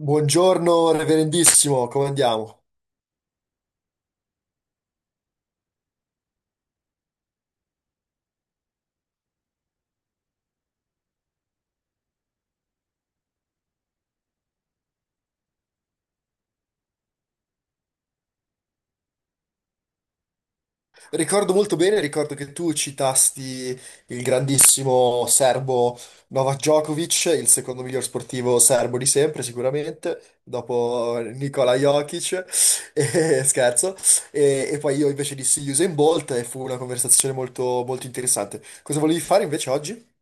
Buongiorno, reverendissimo, come andiamo? Ricordo molto bene, ricordo che tu citasti il grandissimo serbo Novak Djokovic, il secondo miglior sportivo serbo di sempre, sicuramente, dopo Nikola Jokic, e, scherzo, e, poi io invece dissi Usain Bolt e fu una conversazione molto, molto interessante. Cosa volevi fare invece oggi?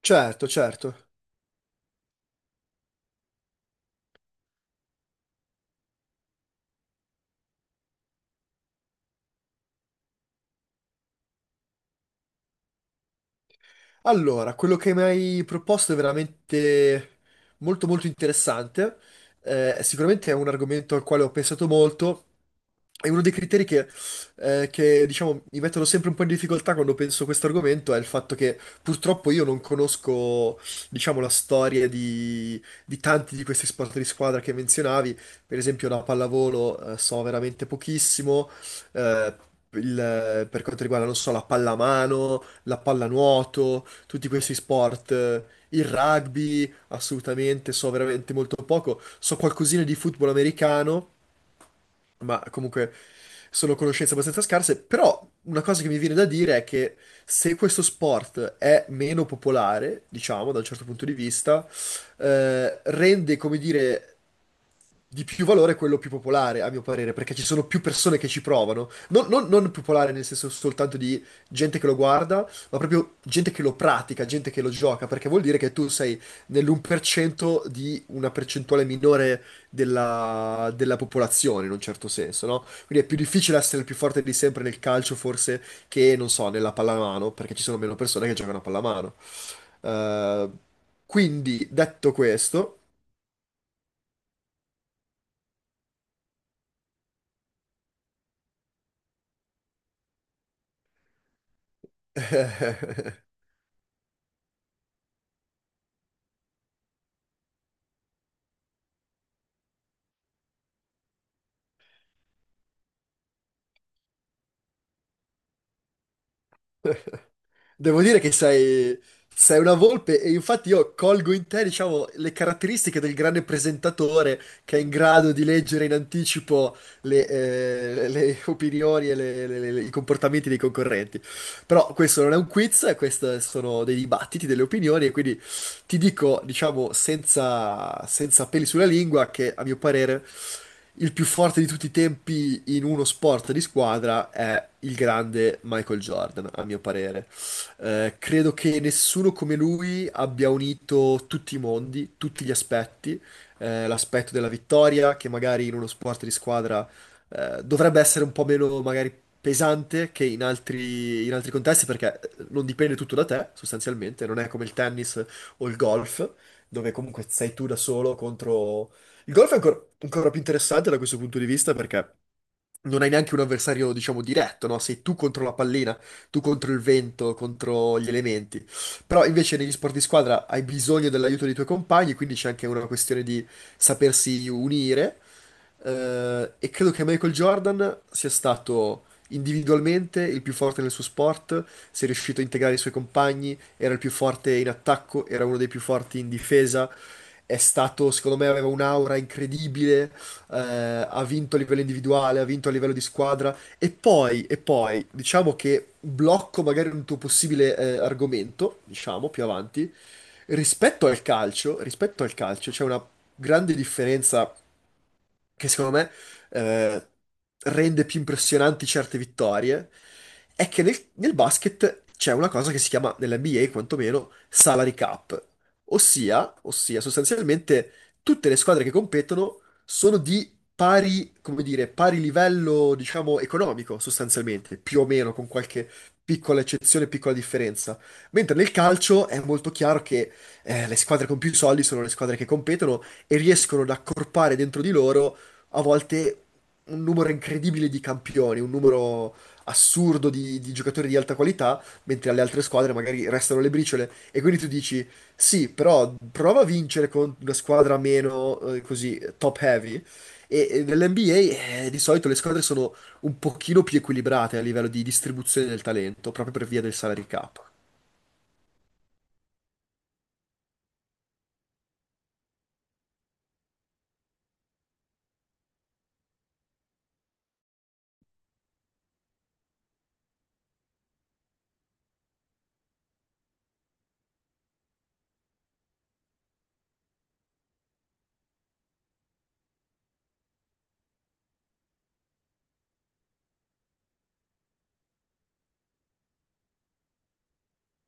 Certo, certo. Allora, quello che mi hai proposto è veramente molto molto interessante. Sicuramente è un argomento al quale ho pensato molto. E uno dei criteri che, diciamo, mi mettono sempre un po' in difficoltà quando penso a questo argomento è il fatto che purtroppo io non conosco, diciamo, la storia di tanti di questi sport di squadra che menzionavi. Per esempio, la pallavolo, so veramente pochissimo. Eh, per quanto riguarda, non so, la pallamano, la pallanuoto, tutti questi sport, il rugby, assolutamente, so veramente molto poco, so qualcosina di football americano, ma comunque sono conoscenze abbastanza scarse. Però una cosa che mi viene da dire è che se questo sport è meno popolare, diciamo, da un certo punto di vista, rende, come dire, di più valore quello più popolare, a mio parere, perché ci sono più persone che ci provano. Non popolare nel senso soltanto di gente che lo guarda, ma proprio gente che lo pratica, gente che lo gioca, perché vuol dire che tu sei nell'1% di una percentuale minore della popolazione in un certo senso, no? Quindi è più difficile essere il più forte di sempre nel calcio forse che, non so, nella pallamano, perché ci sono meno persone che giocano a pallamano. Eh, quindi, detto questo... Devo dire che sei una volpe e infatti io colgo in te, diciamo, le caratteristiche del grande presentatore che è in grado di leggere in anticipo le opinioni e i comportamenti dei concorrenti. Però questo non è un quiz, questi sono dei dibattiti, delle opinioni, e quindi ti dico, diciamo, senza peli sulla lingua, che a mio parere il più forte di tutti i tempi in uno sport di squadra è il grande Michael Jordan, a mio parere. Credo che nessuno come lui abbia unito tutti i mondi, tutti gli aspetti, l'aspetto della vittoria, che magari in uno sport di squadra dovrebbe essere un po' meno magari pesante che in altri contesti, perché non dipende tutto da te, sostanzialmente, non è come il tennis o il golf, dove comunque sei tu da solo contro... Il golf è ancora, ancora più interessante da questo punto di vista perché non hai neanche un avversario, diciamo, diretto, no? Sei tu contro la pallina, tu contro il vento, contro gli elementi. Però invece negli sport di squadra hai bisogno dell'aiuto dei tuoi compagni, quindi c'è anche una questione di sapersi unire. E credo che Michael Jordan sia stato individualmente il più forte nel suo sport, si è riuscito a integrare i suoi compagni, era il più forte in attacco, era uno dei più forti in difesa. È stato, secondo me, aveva un'aura incredibile. eh, Ha vinto a livello individuale, ha vinto a livello di squadra, e poi, diciamo che blocco magari un tuo possibile argomento, diciamo più avanti, rispetto al calcio. Rispetto al calcio c'è una grande differenza che secondo me eh, rende più impressionanti certe vittorie, è che nel basket c'è una cosa che si chiama, nell'NBA quantomeno, salary cap, ossia sostanzialmente tutte le squadre che competono sono di pari, come dire, pari livello, diciamo, economico sostanzialmente, più o meno, con qualche piccola eccezione, piccola differenza. Mentre nel calcio è molto chiaro che le squadre con più soldi sono le squadre che competono e riescono ad accorpare dentro di loro a volte un numero incredibile di campioni, un numero assurdo di giocatori di alta qualità, mentre alle altre squadre magari restano le briciole. E quindi tu dici: sì, però prova a vincere con una squadra meno così top heavy. E nell'NBA di solito le squadre sono un pochino più equilibrate a livello di distribuzione del talento, proprio per via del salary cap.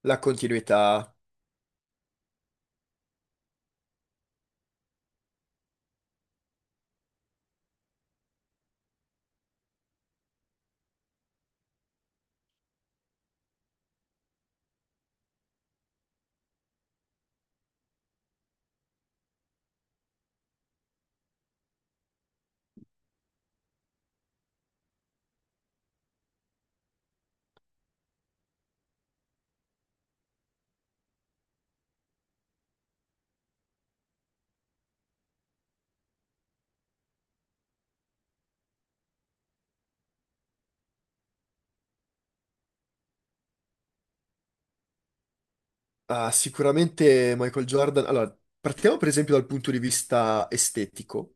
La continuità. Ah, sicuramente Michael Jordan. Allora, partiamo per esempio dal punto di vista estetico.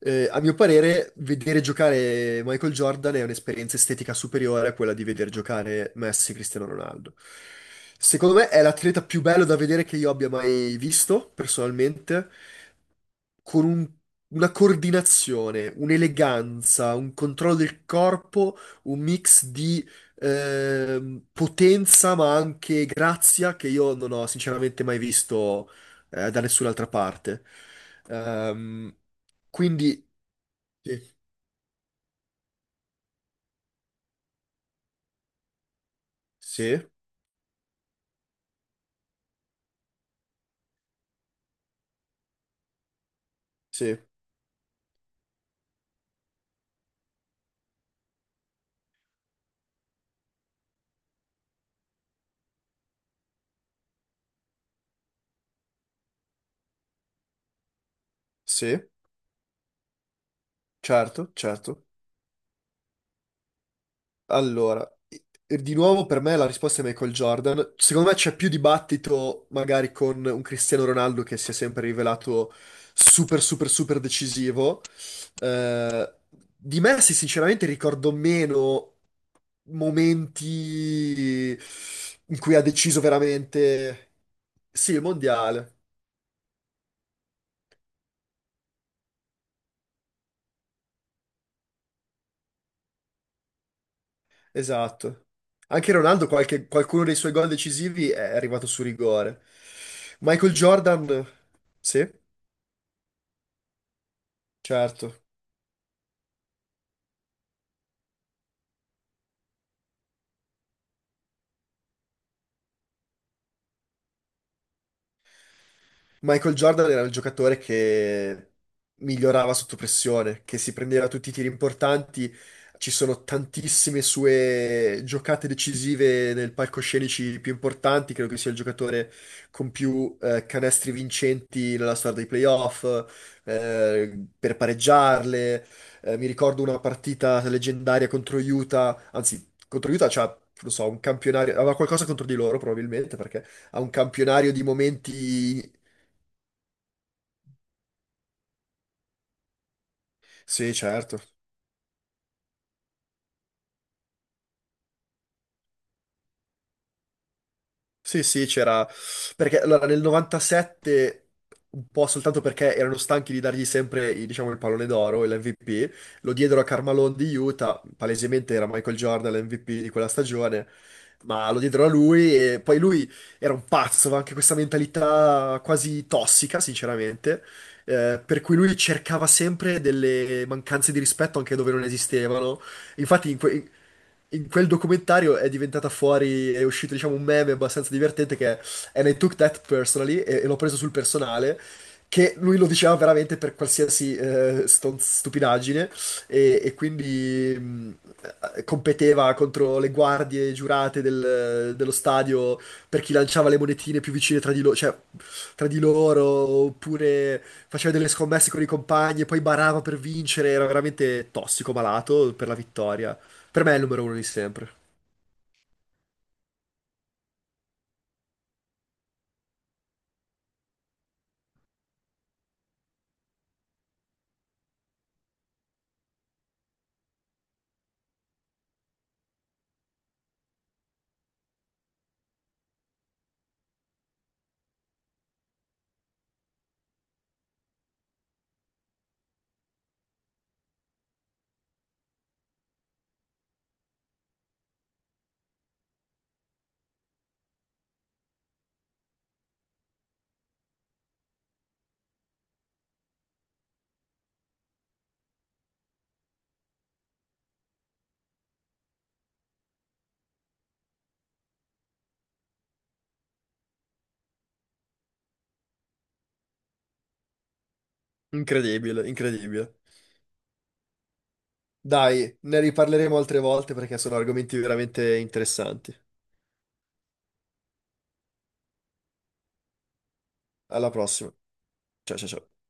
A mio parere, vedere giocare Michael Jordan è un'esperienza estetica superiore a quella di vedere giocare Messi e Cristiano Ronaldo. Secondo me è l'atleta più bello da vedere che io abbia mai visto, personalmente, con un- una coordinazione, un'eleganza, un controllo del corpo, un mix di potenza, ma anche grazia, che io non ho sinceramente mai visto da nessun'altra parte. Ehm, quindi sì, sì, sì, sì, certo, certo. Allora, e di nuovo per me la risposta è Michael Jordan. Secondo me c'è più dibattito magari con un Cristiano Ronaldo che si è sempre rivelato super, super, super decisivo. Eh, di Messi sinceramente ricordo meno momenti in cui ha deciso veramente... Sì, il mondiale, esatto. Anche Ronaldo, qualcuno dei suoi gol decisivi è arrivato su rigore. Michael Jordan, sì. Certo. Michael Jordan era il giocatore che migliorava sotto pressione, che si prendeva tutti i tiri importanti. Ci sono tantissime sue giocate decisive nel palcoscenici più importanti. Credo che sia il giocatore con più canestri vincenti nella storia dei playoff, per pareggiarle. Mi ricordo una partita leggendaria contro Utah, anzi, contro Utah c'ha, non so, un campionario, aveva qualcosa contro di loro probabilmente perché ha un campionario di momenti. Sì, certo. Sì, sì, c'era... Perché allora nel 97, un po' soltanto perché erano stanchi di dargli sempre, i- diciamo, il pallone d'oro, l'MVP, lo diedero a Carmelo di Utah, palesemente era Michael Jordan l'MVP di quella stagione, ma lo diedero a lui e poi lui era un pazzo, aveva anche questa mentalità quasi tossica, sinceramente, per cui lui cercava sempre delle mancanze di rispetto anche dove non esistevano. Infatti, in quel documentario è diventata fuori, è uscito diciamo un meme abbastanza divertente che è "And I took that personally", e l'ho preso sul personale, che lui lo diceva veramente per qualsiasi stupidaggine, e quindi competeva contro le guardie giurate dello stadio per chi lanciava le monetine più vicine cioè, tra di loro, oppure faceva delle scommesse con i compagni e poi barava per vincere, era veramente tossico, malato per la vittoria. Per me è il numero uno di sempre. Incredibile, incredibile. Dai, ne riparleremo altre volte perché sono argomenti veramente interessanti. Alla prossima. Ciao ciao ciao.